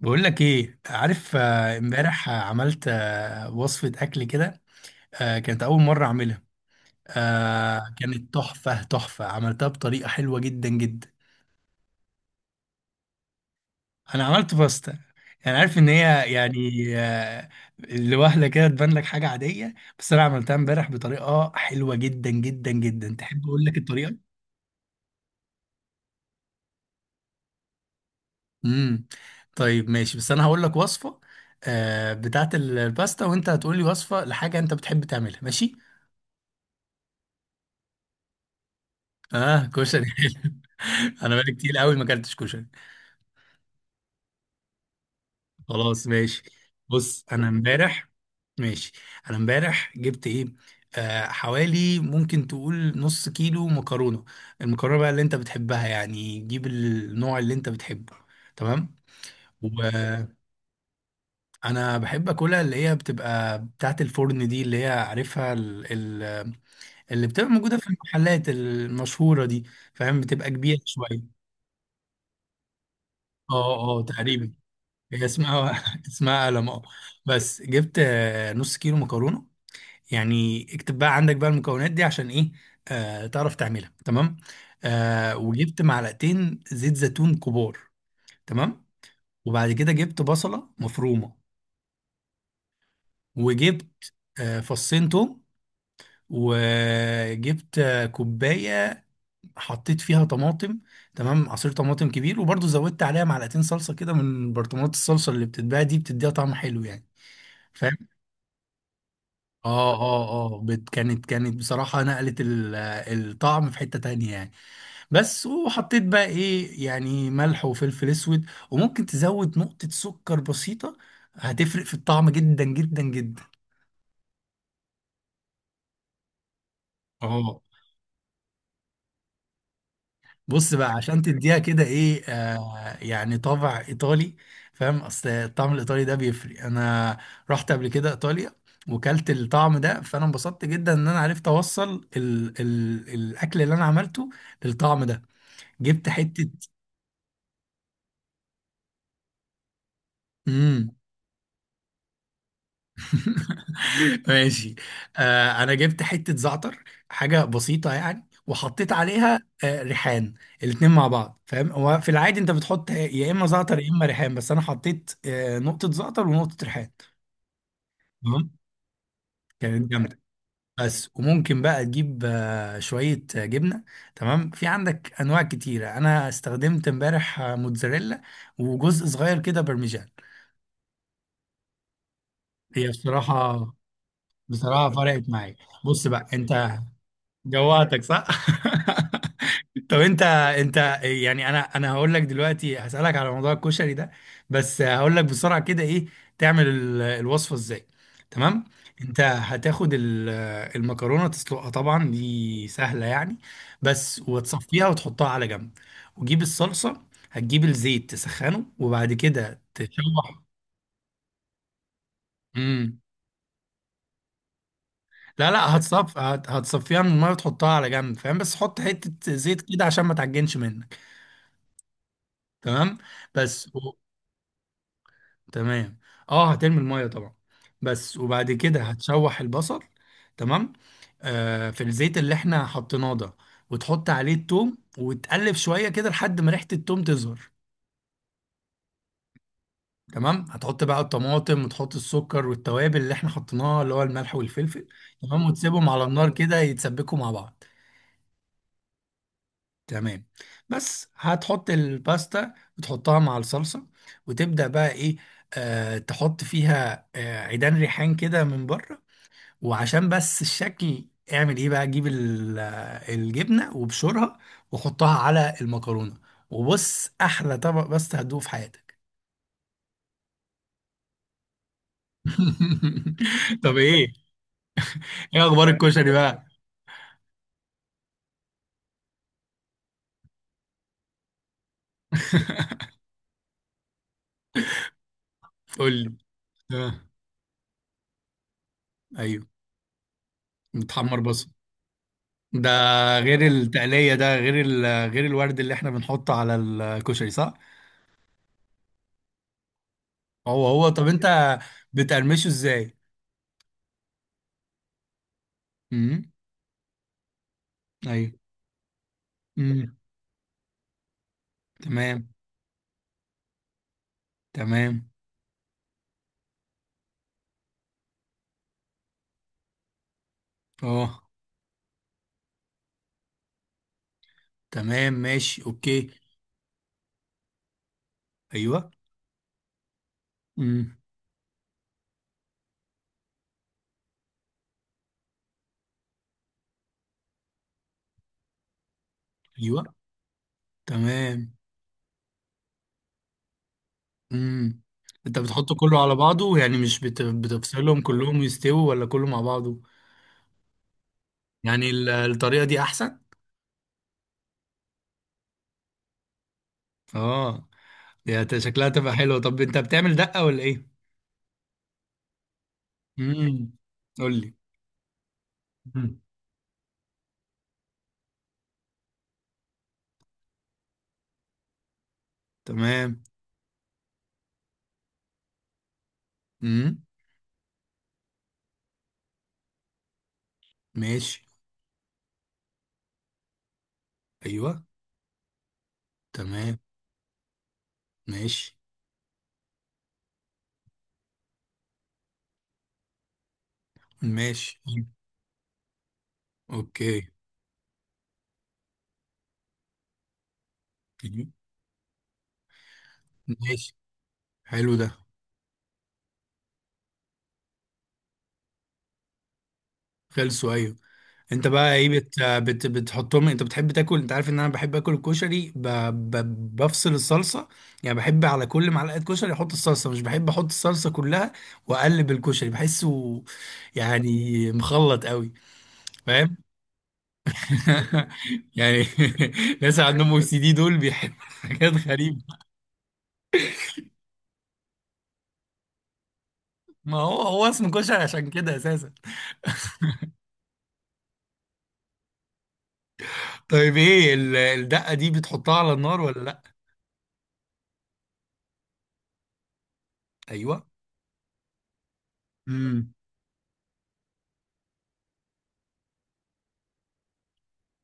بقول لك ايه عارف، امبارح عملت وصفة اكل كده. كانت اول مرة اعملها. كانت تحفة تحفة، عملتها بطريقة حلوة جدا جدا. انا عملت باستا. يعني عارف ان هي يعني، آه، لوهلة كده تبان لك حاجة عادية. بس انا عملتها امبارح بطريقة حلوة جدا جدا جدا. تحب اقول لك الطريقة؟ امم طيب، ماشي. بس انا هقول لك وصفة بتاعت الباستا، وانت هتقول لي وصفة لحاجة انت بتحب تعملها. ماشي؟ اه، كشري. انا بقالي كتير قوي ما اكلتش كشري. خلاص، ماشي. بص، انا امبارح... ماشي. انا امبارح جبت ايه، حوالي ممكن تقول نص كيلو مكرونه. المكرونه بقى اللي انت بتحبها، يعني جيب النوع اللي انت بتحبه. تمام. وانا بحب اكلها اللي هي بتبقى بتاعت الفرن دي، اللي هي عارفها ال اللي بتبقى موجوده في المحلات المشهوره دي، فاهم، بتبقى كبيره شويه. اه، اه، تقريبا. هي اسمها اسمها لما... بس جبت نص كيلو مكرونه. يعني اكتب بقى عندك بقى المكونات دي عشان ايه، تعرف تعملها. تمام. وجبت معلقتين زيت زيتون كبار. تمام. وبعد كده جبت بصله مفرومه. وجبت فصين توم. وجبت كوبايه، حطيت فيها طماطم. تمام، عصير طماطم كبير، وبرضه زودت عليها معلقتين صلصه كده من برطمانات الصلصه اللي بتتباع دي، بتديها طعم حلو يعني، فاهم. اه، اه. اه، كانت بصراحة نقلت الطعم في حتة تانية يعني. بس، وحطيت بقى ايه يعني، ملح وفلفل اسود، وممكن تزود نقطة سكر بسيطة. هتفرق في الطعم جدا جدا جدا. اه. بص بقى، عشان تديها كده ايه يعني طابع ايطالي، فاهم. اصل الطعم الايطالي ده بيفرق. انا رحت قبل كده ايطاليا وكلت الطعم ده، فانا انبسطت جدا ان انا عرفت اوصل ال ال الاكل اللي انا عملته للطعم ده. جبت حتة... امم. ماشي. انا جبت حتة زعتر، حاجة بسيطة يعني، وحطيت عليها ريحان. الاتنين مع بعض، فاهم. هو في العادي انت بتحط يا اما زعتر يا اما ريحان، بس انا حطيت نقطة زعتر ونقطة ريحان. تمام. كانت جامدة. بس وممكن بقى تجيب شوية جبنة. تمام، في عندك انواع كتيرة. انا استخدمت امبارح موتزاريلا وجزء صغير كده برمجان. هي بصراحة... بصراحة فرقت معايا. بص بقى انت... جوعتك، صح؟ طب انت... انت... يعني انا هقول لك دلوقتي، هسألك على موضوع الكشري ده. بس هقول لك بسرعة كده ايه، تعمل الوصفة ازاي. تمام؟ انت هتاخد ال-... المكرونة تسلقها، طبعا دي سهلة يعني. بس وتصفيها وتحطها على جنب. وتجيب الصلصة. هتجيب الزيت تسخنه وبعد كده تشوح. مم. لا، لا، هتصفيها من الميه وتحطها على جنب، فاهم. بس حط حته زيت كده عشان ما تعجنش منك. تمام. بس و... تمام. اه، هترمي الميه طبعا. بس وبعد كده هتشوح البصل. تمام، في الزيت اللي احنا حطيناه ده. وتحط عليه التوم، وتقلب شويه كده لحد ما ريحه التوم تظهر. تمام، هتحط بقى الطماطم، وتحط السكر والتوابل اللي احنا حطيناها، اللي هو الملح والفلفل. تمام، وتسيبهم على النار كده يتسبكوا مع بعض. تمام. بس هتحط الباستا وتحطها مع الصلصة. وتبدأ بقى ايه، تحط فيها عيدان ريحان كده من بره، وعشان بس الشكل. اعمل ايه بقى، جيب الجبنة وبشرها، وحطها على المكرونة. وبص، احلى طبق باستا هتدوقه في حياتك. طب ايه. ايه اخبار الكشري بقى؟ قول لي. آه. ايوه، متحمر بصل. ده غير التقلية، ده غير ال... غير الورد اللي احنا بنحطه على الكشري، صح؟ هو هو. طب انت بتقرمشه ازاي؟ امم. ايوه. امم. تمام. تمام. اه. تمام، ماشي، اوكي. ايوه. امم. ايوه. تمام. امم. انت بتحطه كله على بعضه يعني، مش بتفصلهم؟ كلهم يستووا ولا كله مع بعضه؟ يعني الطريقة دي احسن؟ اه. شكلها تبقى حلوة. طب انت بتعمل دقة ولا ايه؟ امم. قول. لي تمام. امم. ماشي. ايوه. تمام. ماشي. ماشي، اوكي. ماشي. حلو ده. خلصوا، ايوه. انت بقى ايه، بت... بتحطهم. انت بتحب تاكل، انت عارف ان انا بحب اكل الكشري ب... ب... بفصل الصلصه. يعني بحب على كل معلقه كشري احط الصلصه، مش بحب احط الصلصه كلها واقلب الكشري، بحسه يعني مخلط قوي، فاهم. يعني ناس عندهم OCD دول بيحبوا حاجات غريبه. ما هو هو اسمه كشري عشان كده اساسا. طيب، ايه الدقة دي، بتحطها على النار ولا لا؟ ايوه. امم.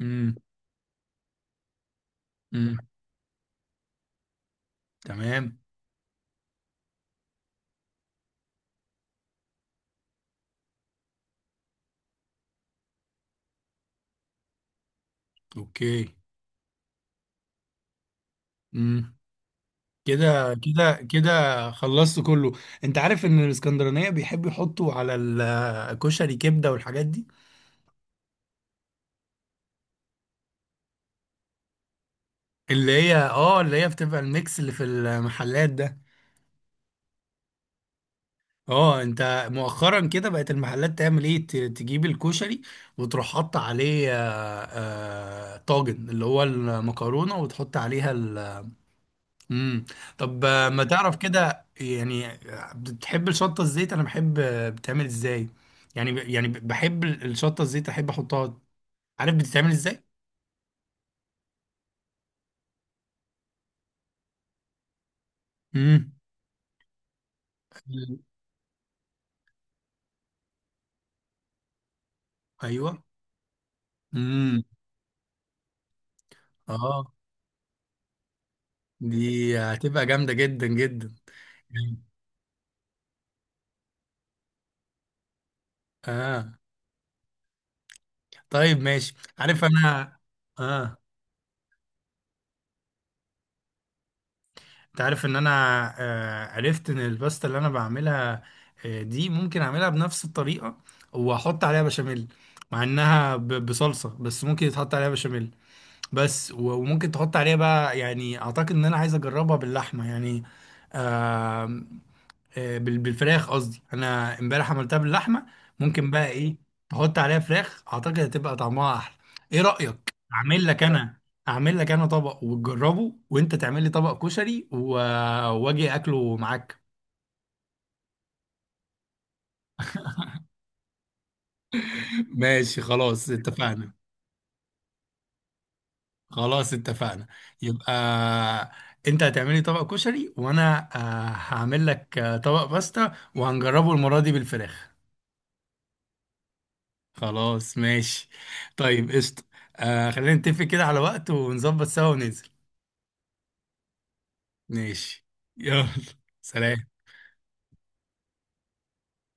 امم. امم. تمام. اوكي. امم. كده كده كده، خلصت كله. انت عارف ان الاسكندرانيه بيحبوا يحطوا على الكشري كبده والحاجات دي. اللي هي بتبقى الميكس اللي في المحلات ده. اه، انت مؤخرا كده بقت المحلات تعمل ايه، تجيب الكشري وتروح حاطه عليه طاجن اللي هو المكرونه، وتحط عليها ال... مم. طب، ما تعرف كده يعني بتحب الشطه الزيت، انا بحب بتعمل ازاي؟ يعني بحب الشطه الزيت، احب احطها. عارف بتتعمل ازاي؟ امم. ايوه. امم. اه، دي هتبقى جامده جدا جدا. اه. طيب، ماشي. عارف انا... اه. انت عارف ان انا عرفت ان الباستا اللي انا بعملها دي ممكن اعملها بنفس الطريقه، واحط عليها بشاميل. مع انها بصلصه، بس ممكن يتحط عليها بشاميل. بس وممكن تحط عليها بقى، يعني اعتقد ان انا عايز اجربها باللحمه يعني، بالفراخ قصدي. انا امبارح عملتها باللحمه. ممكن بقى ايه، تحط عليها فراخ، اعتقد هتبقى طعمها احلى. ايه رايك، اعمل لك انا... اعمل لك انا طبق وتجربه، وانت تعمل لي طبق كشري واجي اكله معاك. ماشي، خلاص، اتفقنا. خلاص، اتفقنا. يبقى انت هتعملي طبق كشري، وانا هعمل لك طبق باستا، وهنجربه المره دي بالفراخ. خلاص، ماشي. طيب، قشطة. خلينا نتفق كده على وقت، ونظبط سوا وننزل. ماشي. يلا، سلام.